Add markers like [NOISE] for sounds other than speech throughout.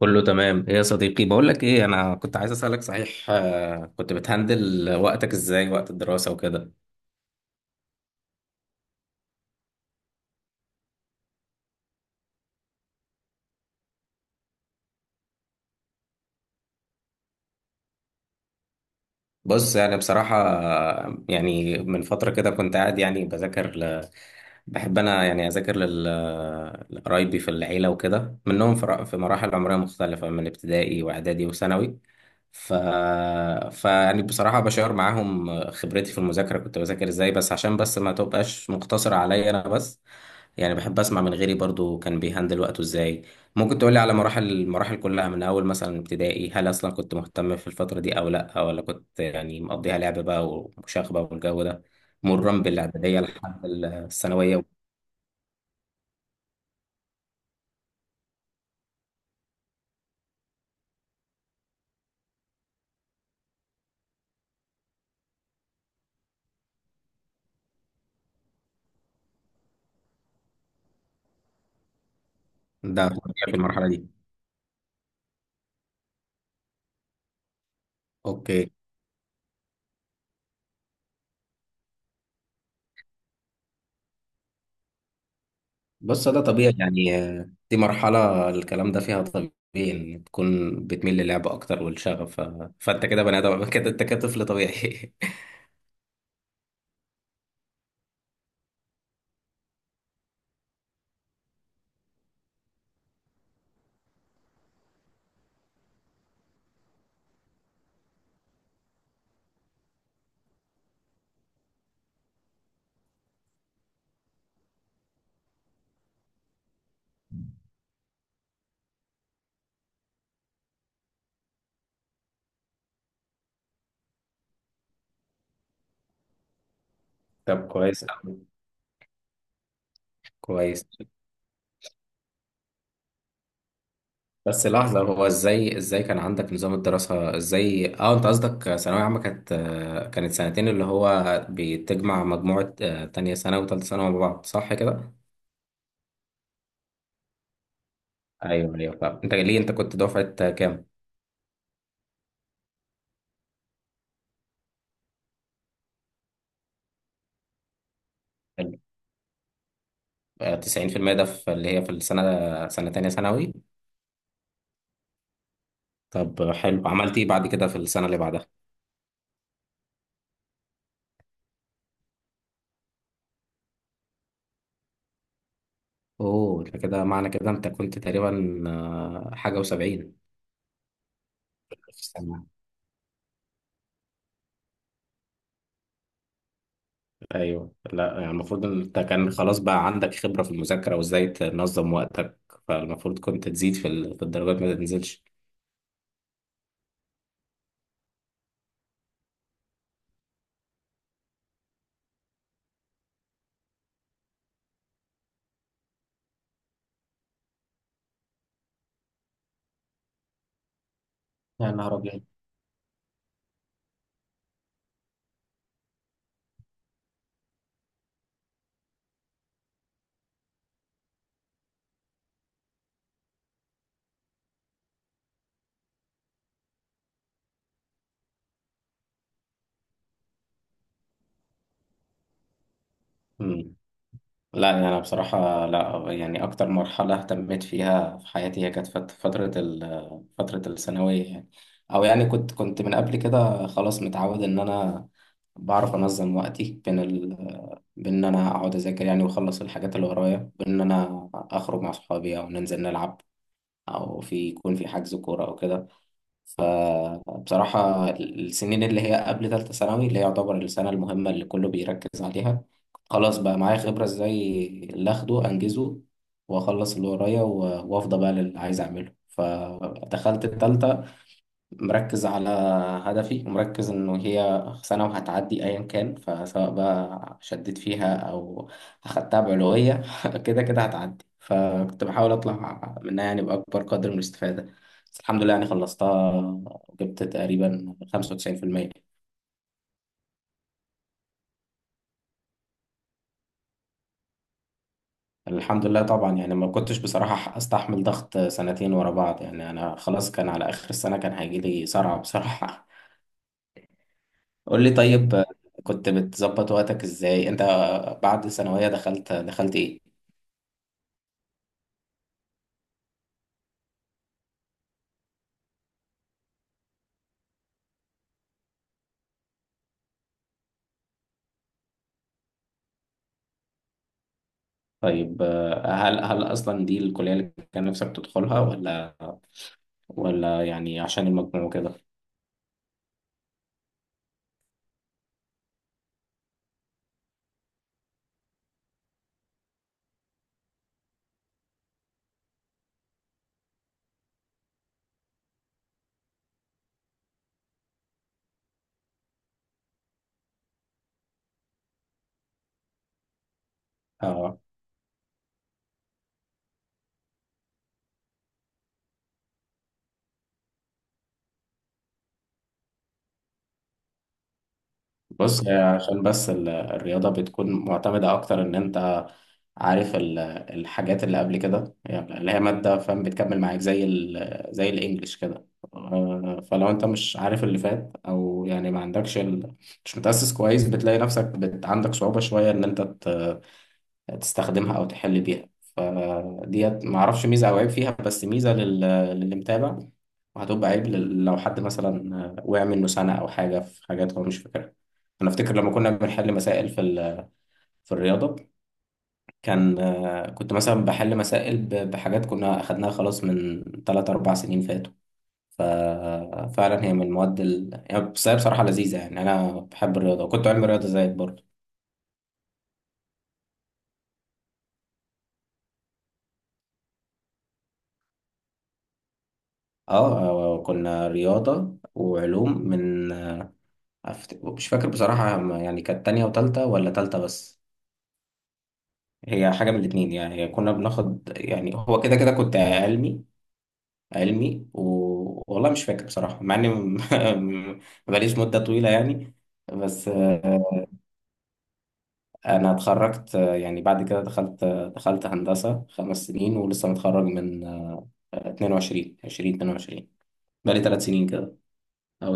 كله تمام، ايه يا صديقي؟ بقول لك ايه، انا كنت عايز اسالك صحيح. كنت بتهندل وقتك ازاي وقت الدراسه وكده؟ بص، يعني بصراحة يعني من فترة كده كنت قاعد يعني بحب أنا يعني أذاكر لقرايبي في العيلة وكده، منهم في مراحل عمرية مختلفة من ابتدائي وإعدادي وثانوي. ف... فيعني بصراحة بشار معاهم خبرتي في المذاكرة، كنت بذاكر إزاي، بس عشان بس ما تبقاش مقتصرة عليا أنا بس. يعني بحب أسمع من غيري برضو كان بيهندل وقته إزاي. ممكن تقولي على المراحل كلها من أول مثلا ابتدائي. هل أصلا كنت مهتم في الفترة دي أو لأ، ولا كنت يعني مقضيها لعب بقى ومشاغبة والجو ده، مرا بالإعدادية لحد الثانوية؟ ده طبيعي في المرحلة دي. أوكي. بص، ده طبيعي يعني. دي مرحلة، الكلام ده فيها طبيعي، إن تكون بتميل للعب أكتر والشغف. فأنت كده بني آدم [LAUGHS] كده أنت كده طفل طبيعي [LAUGHS] طب كويس أوي. كويس. بس لحظة، هو ازاي كان عندك نظام الدراسة؟ ازاي؟ اه انت قصدك ثانوية عامة كانت، كانت سنتين اللي هو بتجمع مجموعة تانية سنة وتالتة سنة مع بعض، صح كده؟ ايوه، ايوه، فاهم. انت ليه انت كنت دفعة كام؟ حلو. 90% ده في اللي هي في السنة، سنة تانية ثانوي؟ طب حلو، عملت ايه بعد كده في السنة اللي بعدها؟ اوه، ده كده معنى كده انت كنت تقريبا حاجة و70 في السنة. ايوه. لا يعني المفروض إن انت كان خلاص بقى عندك خبرة في المذاكرة وازاي تنظم وقتك، فالمفروض كنت تزيد في الدرجات، ما تنزلش. يا نهار أبيض. مم. لا يعني أنا بصراحة، لا يعني أكتر مرحلة اهتميت فيها في حياتي هي كانت فترة فترة الثانوية يعني. أو يعني كنت من قبل كده خلاص متعود إن أنا بعرف أنظم وقتي بين بين إن أنا أقعد أذاكر يعني وأخلص الحاجات اللي ورايا، بين إن أنا أخرج مع صحابي أو ننزل نلعب، او في يكون في حجز كوره او كده. فبصراحه السنين اللي هي قبل ثالثه ثانوي، اللي هي يعتبر السنه المهمه اللي كله بيركز عليها، خلاص بقى معايا خبره ازاي اللي اخده انجزه واخلص اللي ورايا وافضى بقى للي عايز اعمله. فدخلت الثالثه مركز على هدفي، ومركز إنه هي سنة وهتعدي أيا كان، فسواء بقى شديت فيها أو أخدتها بعلوية [LAUGHS] كده كده هتعدي، فكنت بحاول أطلع منها يعني بأكبر قدر من الاستفادة. بس الحمد لله يعني خلصتها وجبت تقريبا 95%. الحمد لله طبعا يعني ما كنتش بصراحة أستحمل ضغط سنتين ورا بعض، يعني أنا خلاص كان على آخر السنة كان هيجيلي صرع بصراحة [LAUGHS] قول لي طيب، كنت بتظبط وقتك ازاي انت؟ بعد ثانوية دخلت إيه؟ طيب هل أصلا دي الكلية اللي كان نفسك تدخلها، ولا ولا يعني عشان المجموع وكده؟ آه. بص، هي عشان بس الرياضة بتكون معتمدة أكتر، إن أنت عارف الحاجات اللي قبل كده، يعني اللي هي مادة، فاهم، بتكمل معاك زي زي الإنجليش كده. فلو أنت مش عارف اللي فات، أو يعني ما عندكش مش متأسس كويس، بتلاقي نفسك عندك صعوبة شوية إن أنت تستخدمها أو تحل بيها. فديت معرفش ميزة أو عيب فيها، بس ميزة للي متابع، وهتبقى عيب لو حد مثلا وقع منه سنة أو حاجة في حاجات هو مش فاكرها. أنا أفتكر لما كنا بنحل مسائل في الرياضة، كان كنت مثلا بحل مسائل بحاجات كنا أخدناها خلاص من 3 أربع سنين فاتوا. ففعلا هي من المواد يعني، بس هي بصراحة لذيذة، يعني أنا بحب الرياضة وكنت علم رياضة زيك برضه. اه كنا رياضة وعلوم من مش فاكر بصراحة، يعني كانت تانية وتالتة ولا تالتة بس، هي حاجة من الاتنين. يعني هي كنا بناخد يعني هو كده كده كنت علمي، والله مش فاكر بصراحة، مع إني [LAUGHS] مبقاليش مدة طويلة يعني. بس أنا اتخرجت، يعني بعد كده دخلت، دخلت هندسة خمس سنين، ولسه متخرج من 22 20 22، بقالي ثلاث سنين كده. أو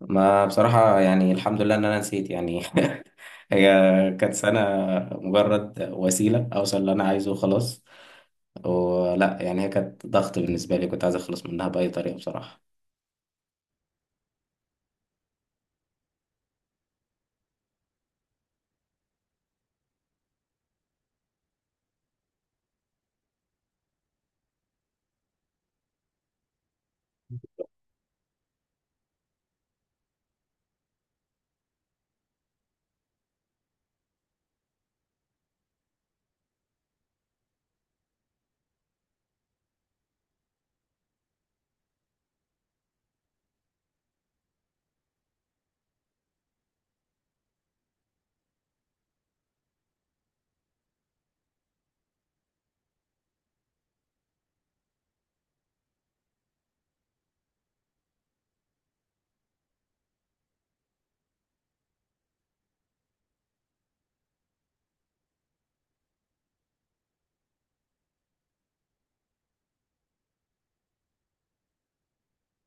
ما بصراحة يعني الحمد لله إن أنا نسيت يعني [LAUGHS] هي كانت سنة مجرد وسيلة أوصل اللي أنا عايزه وخلاص، ولا يعني هي كانت ضغط بالنسبة لي، كنت عايز أخلص منها بأي طريقة بصراحة.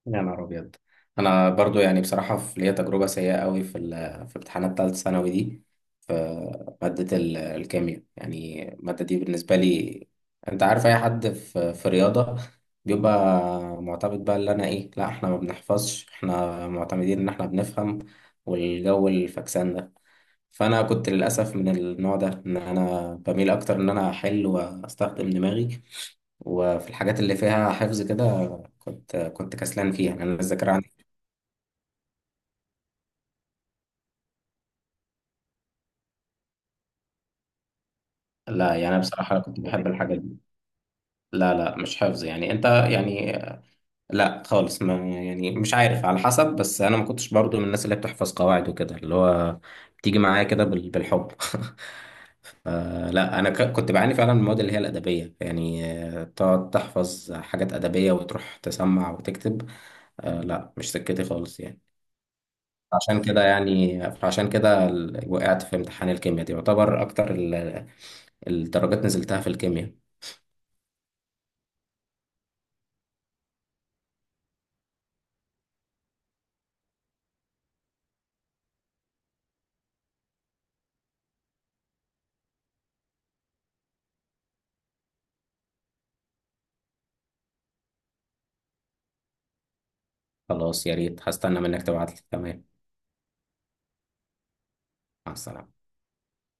يا نهار ابيض. انا برضو يعني بصراحه في ليا تجربه سيئه قوي في امتحانات ثالثه ثانوي دي، في ماده الكيمياء. يعني الماده دي بالنسبه لي، انت عارف اي حد في رياضه بيبقى معتمد، بقى اللي انا ايه، لا احنا ما بنحفظش، احنا معتمدين ان احنا بنفهم والجو الفكسان ده. فانا كنت للاسف من النوع ده، ان انا بميل اكتر ان انا احل واستخدم دماغي، وفي الحاجات اللي فيها حفظ كده كنت كسلان فيها، يعني انا الذاكره عندي. لا يعني أنا بصراحه كنت بحب الحاجات دي. لا لا مش حفظ، يعني انت يعني لا خالص، ما يعني مش عارف، على حسب، بس انا ما كنتش برضو من الناس اللي بتحفظ قواعد وكده، اللي هو بتيجي معايا كده بالحب [LAUGHS] آه لا، انا كنت بعاني فعلا من المواد اللي هي الادبيه، يعني تقعد تحفظ حاجات ادبيه وتروح تسمع وتكتب، آه لا، مش سكتي خالص يعني. عشان كده يعني، وقعت في امتحان الكيمياء دي، يعتبر اكتر الدرجات نزلتها في الكيمياء. خلاص، يا ريت، هستنى منك تبعت لي. تمام. مع السلامة.